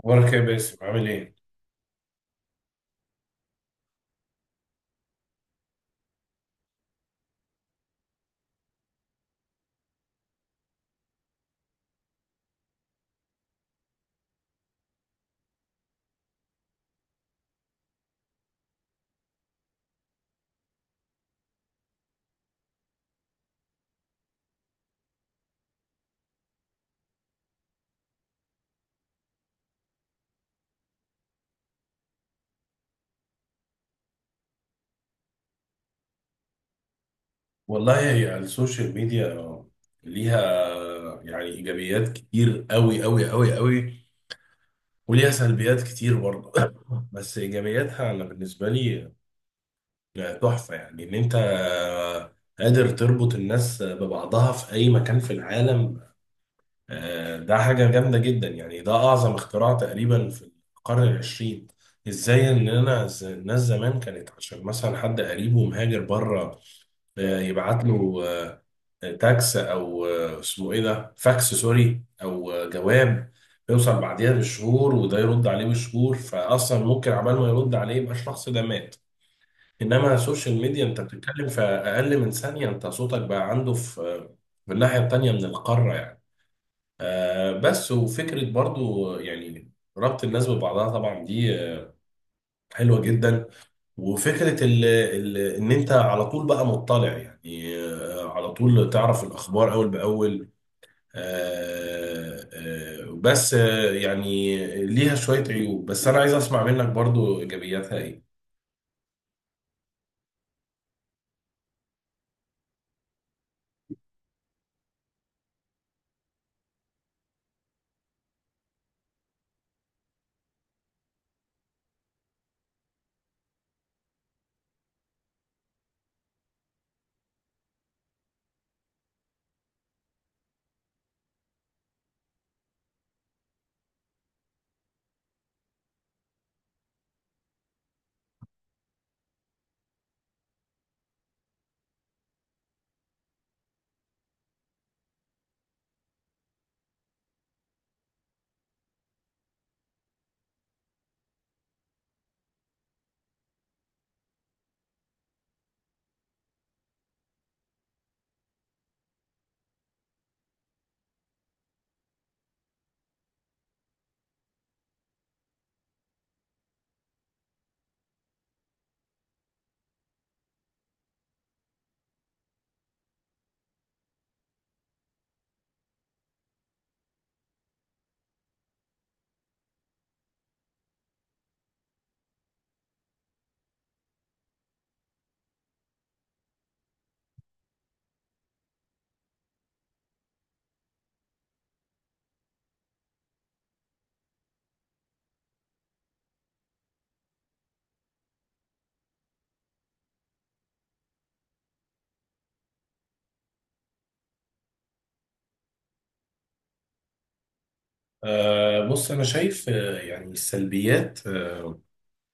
اخبارك يا باسم، عامل ايه؟ والله هي السوشيال ميديا ليها يعني ايجابيات كتير قوي قوي قوي قوي، وليها سلبيات كتير برضه. بس ايجابياتها انا بالنسبه لي تحفه، يعني ان انت قادر تربط الناس ببعضها في اي مكان في العالم. ده حاجه جامده جدا، يعني ده اعظم اختراع تقريبا في القرن العشرين. ازاي ان الناس زمان كانت، عشان مثلا حد قريبه مهاجر بره، يبعت له تاكس، او اسمه ايه ده، فاكس، سوري، او جواب، بيوصل بعديها بشهور، وده يرد عليه بشهور، فاصلا ممكن عبال ما يرد عليه يبقى الشخص ده مات. انما السوشيال ميديا انت بتتكلم في اقل من ثانيه، انت صوتك بقى عنده في في الناحيه التانيه من القاره يعني. بس وفكره برضو يعني ربط الناس ببعضها، طبعا دي حلوه جدا. وفكره ال ال ان انت على طول بقى مطلع، يعني على طول تعرف الاخبار اول باول. آه، بس يعني ليها شوية عيوب، بس أنا عايز أسمع منك برضو، إيجابياتها إيه؟ بص أنا شايف يعني السلبيات،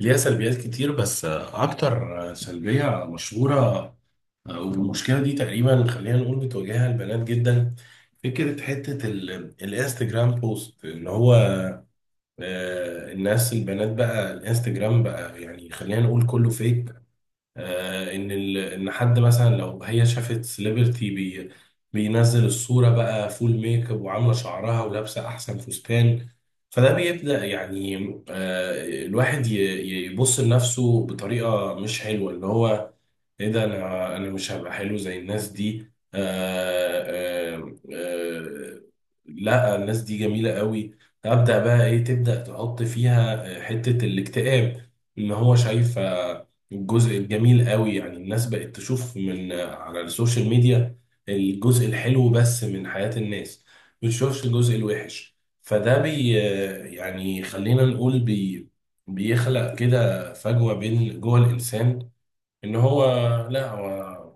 ليها سلبيات كتير، بس أكتر سلبية مشهورة، والمشكلة دي تقريبا خلينا نقول بتواجهها البنات جدا. فكرة حتة الانستجرام بوست اللي هو الناس البنات بقى الانستجرام بقى، يعني خلينا نقول كله فيك، ان ان حد مثلا لو هي شافت سليبرتي بينزل الصوره بقى فول ميك اب، وعامله شعرها، ولابسه احسن فستان. فده بيبدا يعني الواحد يبص لنفسه بطريقه مش حلوه، اللي هو ايه ده، انا مش هبقى حلو زي الناس دي. آه آه لا الناس دي جميلة قوي. ابدا بقى ايه، تبدا تحط فيها حتة الاكتئاب، ان هو شايف الجزء الجميل قوي. يعني الناس بقت تشوف من على السوشيال ميديا الجزء الحلو بس من حياة الناس، ما بتشوفش الجزء الوحش. فده بي آه، يعني خلينا نقول بيخلق كده فجوة بين جوه الإنسان، ان هو لا هو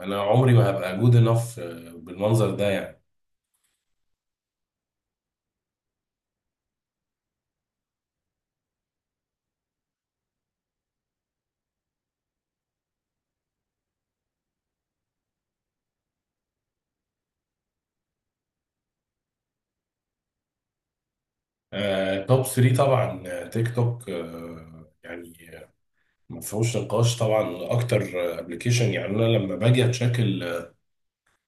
انا عمري ما هبقى جود انف بالمنظر ده يعني. توب 3 طبعا، تيك توك، يعني ما فيهوش نقاش طبعا، اكتر ابلكيشن. يعني انا لما باجي اتشيك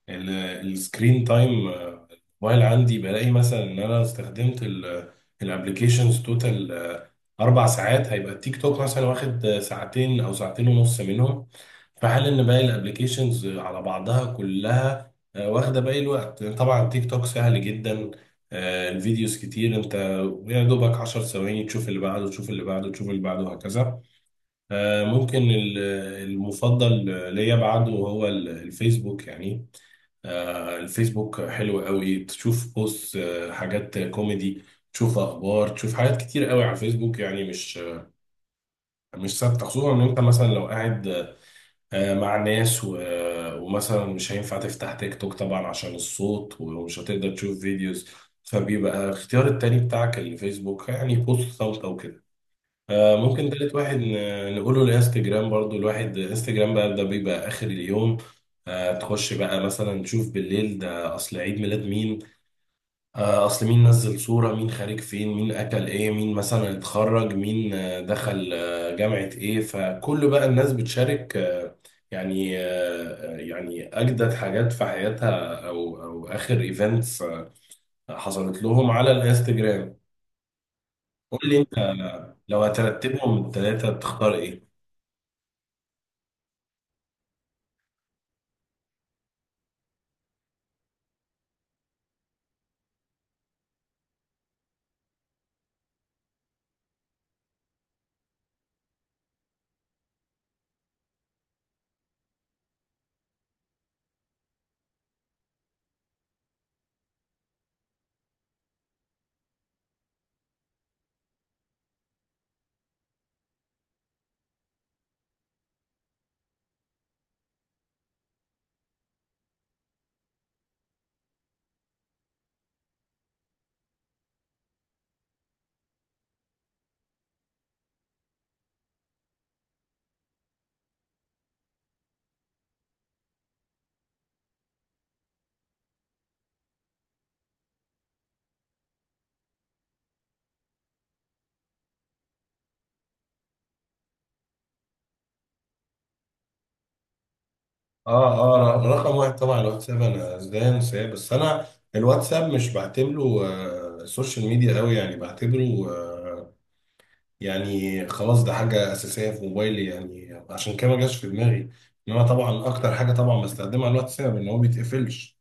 السكرين تايم الموبايل عندي بلاقي مثلا ان انا استخدمت الابلكيشنز توتال 4 ساعات، هيبقى التيك توك مثلا واخد ساعتين او ساعتين ونص منهم، في حال ان باقي الابليكيشنز على بعضها كلها واخده باقي الوقت. طبعا تيك توك سهل جدا، الفيديوز كتير، انت يا دوبك 10 ثواني تشوف اللي بعده، تشوف اللي بعده، تشوف اللي بعده، وهكذا. ممكن المفضل ليا بعده هو الفيسبوك. يعني الفيسبوك حلو قوي، تشوف بوست حاجات كوميدي، تشوف اخبار، تشوف حاجات كتير قوي على الفيسبوك، يعني مش ثابته. خصوصا ان انت مثلا لو قاعد مع ناس ومثلا مش هينفع تفتح تيك توك طبعا عشان الصوت، ومش هتقدر تشوف فيديوز، فبيبقى الاختيار التاني بتاعك الفيسبوك، يعني بوست صوت او كده. ممكن تالت واحد نقوله الانستجرام برضو. الواحد انستجرام بقى ده بيبقى اخر اليوم، تخش بقى مثلا تشوف بالليل، ده اصل عيد ميلاد مين، اصل مين نزل صورة، مين خارج فين، مين اكل ايه، مين مثلا اتخرج، مين دخل جامعة ايه. فكل بقى الناس بتشارك يعني يعني اجدد حاجات في حياتها، او اخر ايفنتس حصلت لهم على الانستجرام. قول لي انت لو هترتبهم من الثلاثة تختار ايه؟ اه، اه، رقم واحد طبعا الواتساب، انا ازاي انساه. بس انا الواتساب مش بعتبره سوشيال ميديا قوي، يعني بعتبره يعني خلاص ده حاجة أساسية في موبايلي، يعني عشان كده ما جاش في دماغي. إنما طبعا أكتر حاجة طبعا بستخدمها الواتساب، إن هو ما بيتقفلش.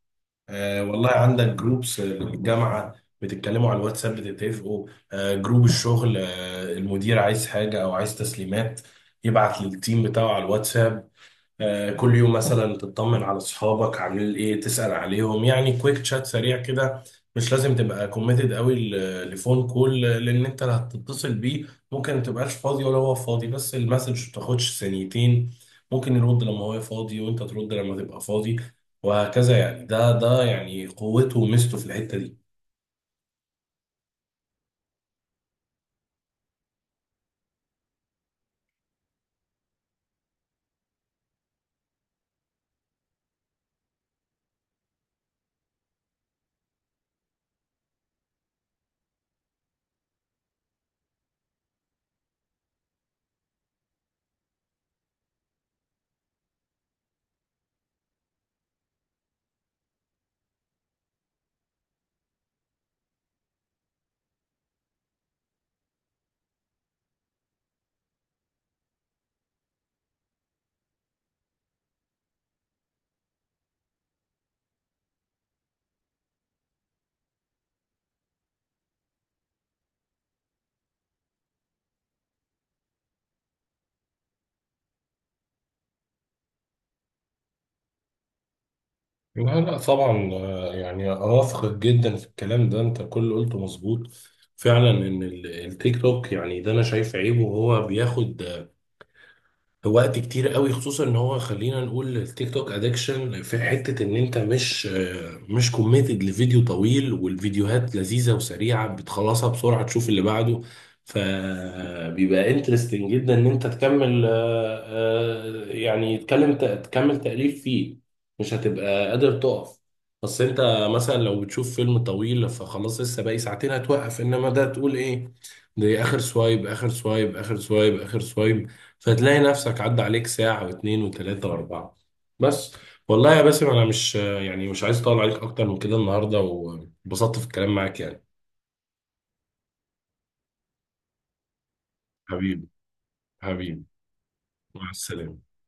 والله عندك جروبس الجامعة بتتكلموا على الواتساب، بتتفقوا، آه جروب الشغل، آه المدير عايز حاجة أو عايز تسليمات يبعت للتيم بتاعه على الواتساب. كل يوم مثلا تطمن على اصحابك عاملين ايه، تسأل عليهم، يعني كويك شات سريع كده، مش لازم تبقى كوميتد قوي لفون كول، لان انت اللي هتتصل بيه ممكن ما تبقاش فاضي ولا هو فاضي، بس المسج ما بتاخدش ثانيتين، ممكن يرد لما هو فاضي، وانت ترد لما تبقى فاضي، وهكذا. يعني ده يعني قوته وميزته في الحتة دي. لا، لا، طبعا يعني اوافقك جدا في الكلام ده، انت كل اللي قلته مظبوط. فعلا ان التيك توك، يعني ده انا شايف عيبه هو بياخد وقت كتير قوي، خصوصا ان هو خلينا نقول التيك توك ادكشن في حتة ان انت مش كوميتد لفيديو طويل، والفيديوهات لذيذة وسريعة بتخلصها بسرعة، تشوف اللي بعده، فبيبقى انترستنج جدا ان انت تكمل يعني تكلم تكمل تأليف فيه، مش هتبقى قادر تقف. بس انت مثلا لو بتشوف فيلم طويل فخلاص لسه باقي ساعتين هتوقف، انما ده تقول ايه، ده اخر سوايب، اخر سوايب، اخر سوايب، اخر سوايب، فتلاقي نفسك عدى عليك ساعة واتنين وتلاتة وأربعة. بس والله يا باسم أنا مش عايز أطول عليك أكتر من كده النهاردة، وانبسطت في الكلام معاك يعني. حبيبي، حبيبي، مع السلامة.